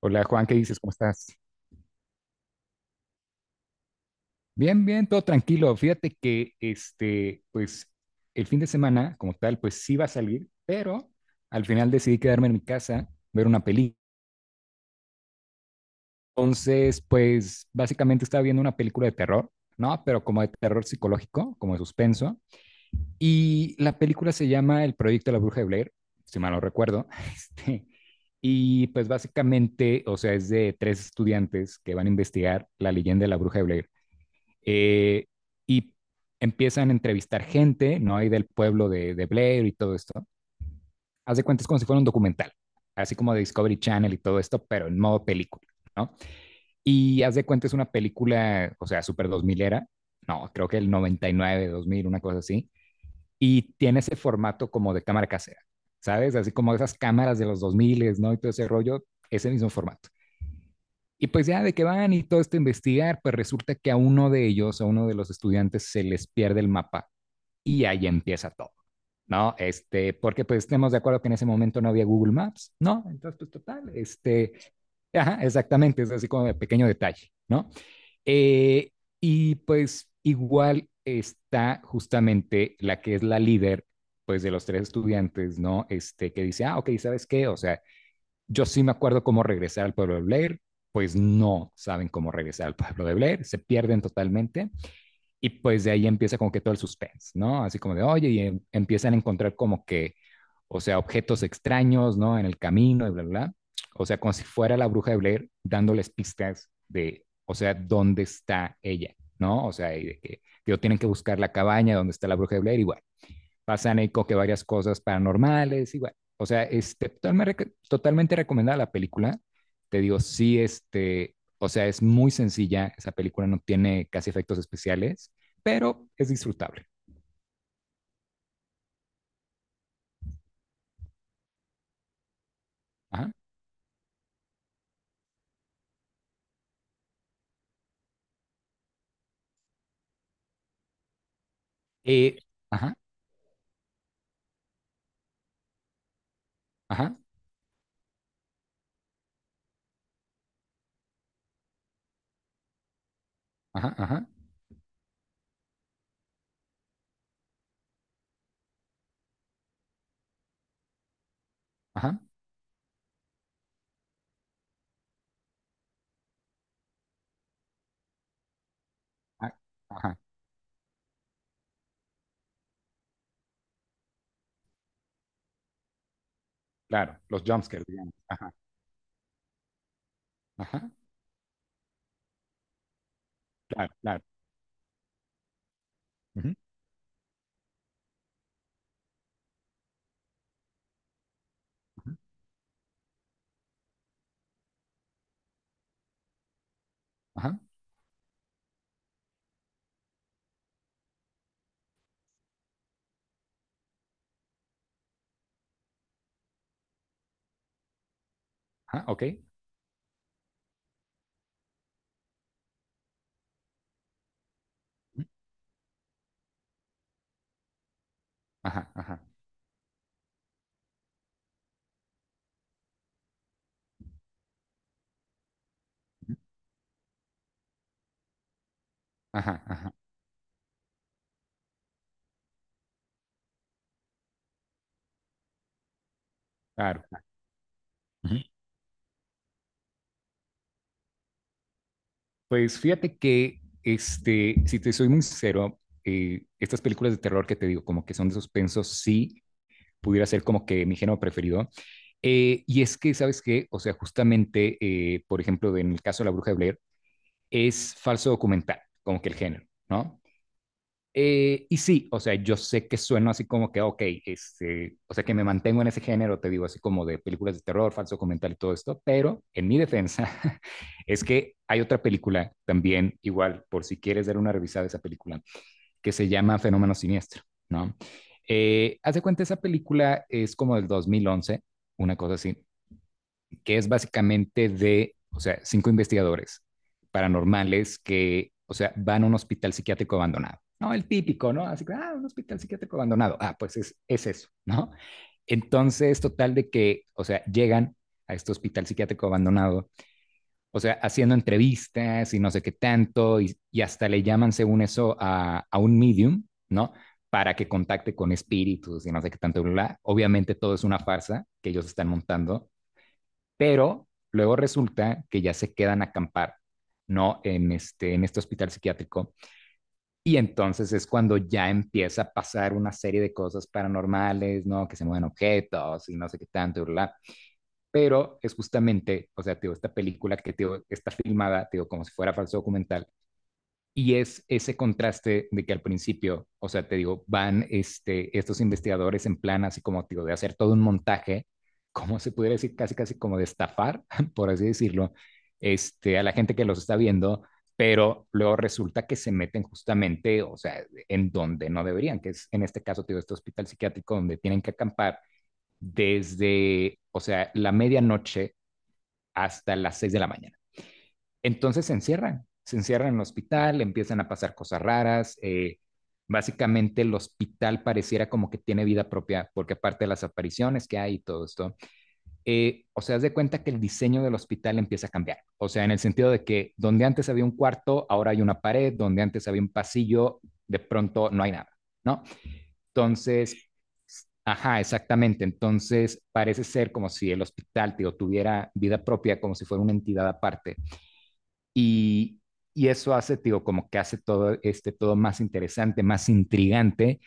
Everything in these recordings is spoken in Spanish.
Hola Juan, ¿qué dices? ¿Cómo estás? Bien, bien, todo tranquilo. Fíjate que pues el fin de semana como tal, pues sí va a salir, pero al final decidí quedarme en mi casa, ver una película. Pues básicamente estaba viendo una película de terror, ¿no? Pero como de terror psicológico, como de suspenso. Y la película se llama El Proyecto de la Bruja de Blair, si mal no recuerdo. Este, y pues básicamente, o sea, es de tres estudiantes que van a investigar la leyenda de la Bruja de Blair. Eh, y empiezan a entrevistar gente, ¿no? Ahí del pueblo de Blair y todo esto. Haz de cuenta, es como si fuera un documental, así como de Discovery Channel y todo esto, pero en modo película, ¿no? Y haz de cuenta, es una película, o sea, súper 2000 era, no, creo que el 99, 2000, una cosa así, y tiene ese formato como de cámara casera, ¿sabes? Así como esas cámaras de los 2000, ¿no? Y todo ese rollo, ese mismo formato. Y pues ya de que van y todo esto a investigar, pues resulta que a uno de ellos, a uno de los estudiantes, se les pierde el mapa y ahí empieza todo, ¿no? Porque pues estemos de acuerdo que en ese momento no había Google Maps, ¿no? Entonces, pues total, ajá, exactamente, es así como de pequeño detalle, ¿no? Eh, y pues igual está justamente la que es la líder, pues de los tres estudiantes, ¿no? Que dice, ah, ok, ¿sabes qué? O sea, yo sí me acuerdo cómo regresar al pueblo de Blair, pues no saben cómo regresar al pueblo de Blair, se pierden totalmente y pues de ahí empieza como que todo el suspense, ¿no? Así como de, oye, y empiezan a encontrar como que, o sea, objetos extraños, ¿no? En el camino y bla, bla, bla. O sea, como si fuera la bruja de Blair dándoles pistas de, o sea, dónde está ella, ¿no? O sea, y de que, digo, tienen que buscar la cabaña donde está la bruja de Blair y bueno, pasan ahí como que varias cosas paranormales, igual. O sea, totalmente, totalmente recomendada la película. Te digo, sí, o sea, es muy sencilla. Esa película no tiene casi efectos especiales, pero es disfrutable. Ajá. Eh, ajá, ajá, ajá, ajá, ajá, ajá, ajá. Claro, los jumpscares, digamos. Ajá, ajá, claro, claro. Ujú, ujú, ajá, ajá, ok. Ujú, ajá, ajá, ujú, ajá, ajá, claro, claro. Pues fíjate que, si te soy muy sincero, estas películas de terror que te digo, como que son de suspenso, sí pudiera ser como que mi género preferido. Y es que, ¿sabes qué? O sea, justamente, por ejemplo, en el caso de La Bruja de Blair, es falso documental, como que el género, ¿no? Y sí, o sea, yo sé que sueno así como que, ok, o sea, que me mantengo en ese género, te digo, así como de películas de terror, falso comentario y todo esto, pero en mi defensa es que hay otra película también, igual, por si quieres dar una revisada a esa película, que se llama Fenómeno Siniestro, ¿no? Haz de cuenta, esa película es como del 2011, una cosa así, que es básicamente de, o sea, cinco investigadores paranormales que, o sea, van a un hospital psiquiátrico abandonado. No, el típico, ¿no? Así que, ah, un hospital psiquiátrico abandonado. Ah, pues es eso, ¿no? Entonces, total de que, o sea, llegan a este hospital psiquiátrico abandonado, o sea, haciendo entrevistas y no sé qué tanto, y hasta le llaman, según eso, un medium, ¿no? Para que contacte con espíritus y no sé qué tanto, bla, bla. Obviamente todo es una farsa que ellos están montando, pero luego resulta que ya se quedan a acampar, ¿no? En este hospital psiquiátrico. Y entonces es cuando ya empieza a pasar una serie de cosas paranormales, ¿no? Que se mueven objetos y no sé qué tanto, bla. Pero es justamente, o sea, digo, esta película que digo, está filmada, digo, como si fuera falso documental, y es ese contraste de que al principio, o sea, te digo, van estos investigadores en plan así como, digo, de hacer todo un montaje, como se pudiera decir, casi, casi como de estafar, por así decirlo, a la gente que los está viendo, pero luego resulta que se meten justamente, o sea, en donde no deberían, que es en este caso, digo, este hospital psiquiátrico donde tienen que acampar desde, o sea, la medianoche hasta las seis de la mañana. Entonces se encierran en el hospital, empiezan a pasar cosas raras. Básicamente el hospital pareciera como que tiene vida propia, porque aparte de las apariciones que hay y todo esto, o sea, haz de cuenta que el diseño del hospital empieza a cambiar. O sea, en el sentido de que donde antes había un cuarto, ahora hay una pared, donde antes había un pasillo, de pronto no hay nada, ¿no? Entonces, ajá, exactamente. Entonces, parece ser como si el hospital te tuviera vida propia, como si fuera una entidad aparte. Y, y eso hace, tío, como que hace todo, todo más interesante, más intrigante.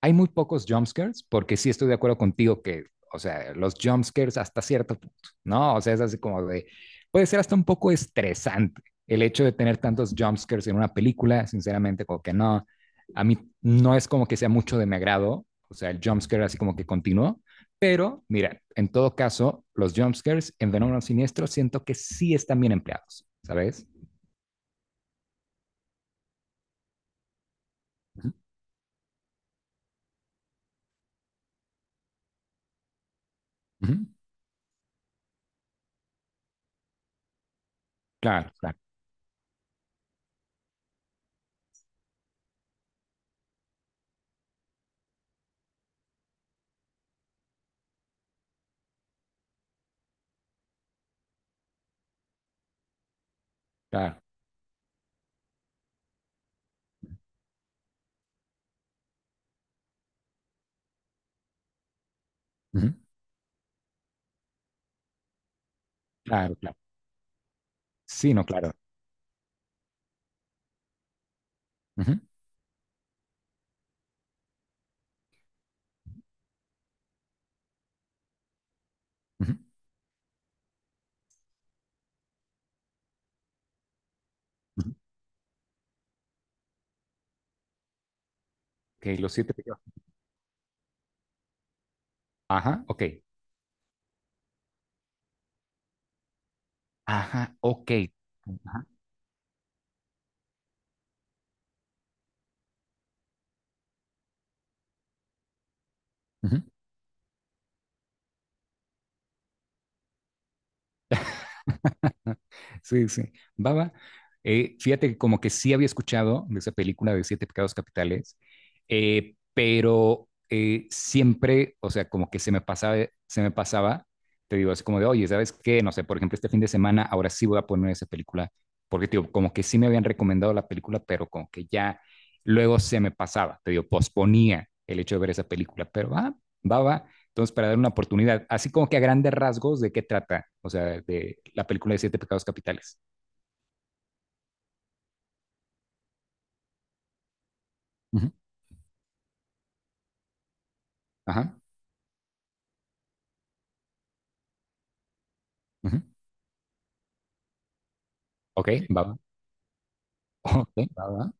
Hay muy pocos jumpscares, porque sí estoy de acuerdo contigo que, o sea, los jumpscares hasta cierto punto, ¿no? O sea, es así como de, puede ser hasta un poco estresante el hecho de tener tantos jumpscares en una película, sinceramente, como que no, a mí no es como que sea mucho de mi agrado, o sea, el jumpscare así como que continuó, pero mira, en todo caso, los jumpscares en Fenómeno Siniestro siento que sí están bien empleados, ¿sabes? Ujú. Claro, claro, claro. Ujú. Claro, claro. Sí, no, claro. Ujú, ujú, ujú. Ok, los siete pecados. Ajá, ok. Ajá, ok. Ajá, ujú. Sí, sí. Baba, fíjate que como que sí había escuchado de esa película de Siete Pecados Capitales, pero siempre, o sea, como que se me pasaba, te digo, así como de, oye, ¿sabes qué? No sé, por ejemplo, este fin de semana, ahora sí voy a poner esa película, porque, te digo, como que sí me habían recomendado la película, pero como que ya luego se me pasaba, te digo, posponía el hecho de ver esa película, pero va, va, va, entonces, para dar una oportunidad, así como que a grandes rasgos, ¿de qué trata? O sea, de la película de Siete Pecados Capitales. Ujú, ajá, ujú. Ok, sí, va. Ok, va, va.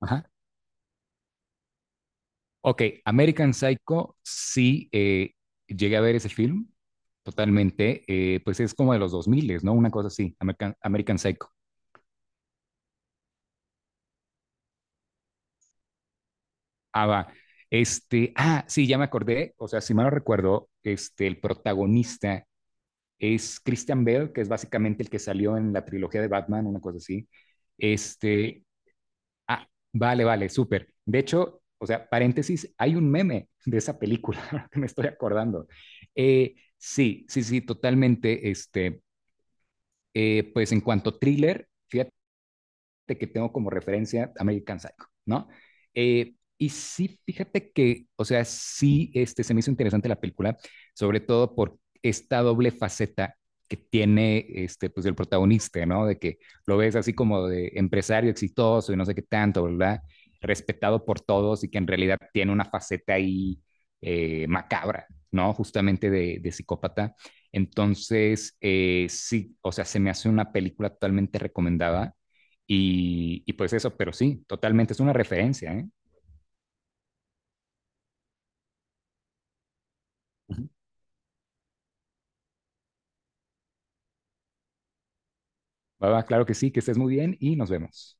Ajá. Ok, American Psycho, sí, llegué a ver ese film totalmente. Pues es como de los 2000, ¿no? Una cosa así, American Psycho. Ah, va. Sí, ya me acordé. O sea, si mal no recuerdo, el protagonista es Christian Bale, que es básicamente el que salió en la trilogía de Batman, una cosa así. Este, ah, vale, vale, súper. De hecho, o sea, paréntesis, hay un meme de esa película ahora que me estoy acordando. Sí, sí, sí, totalmente. Pues en cuanto a thriller, fíjate de que tengo como referencia American Psycho, ¿no? Y sí, fíjate que, o sea, sí se me hizo interesante la película, sobre todo por esta doble faceta que tiene pues, el protagonista, ¿no? De que lo ves así como de empresario exitoso y no sé qué tanto, ¿verdad? Respetado por todos y que en realidad tiene una faceta ahí macabra, ¿no? Justamente de psicópata. Entonces, sí, o sea, se me hace una película totalmente recomendada. Y pues eso, pero sí, totalmente es una referencia, ¿eh? Uh-huh. Va, va, claro que sí, que estés muy bien y nos vemos.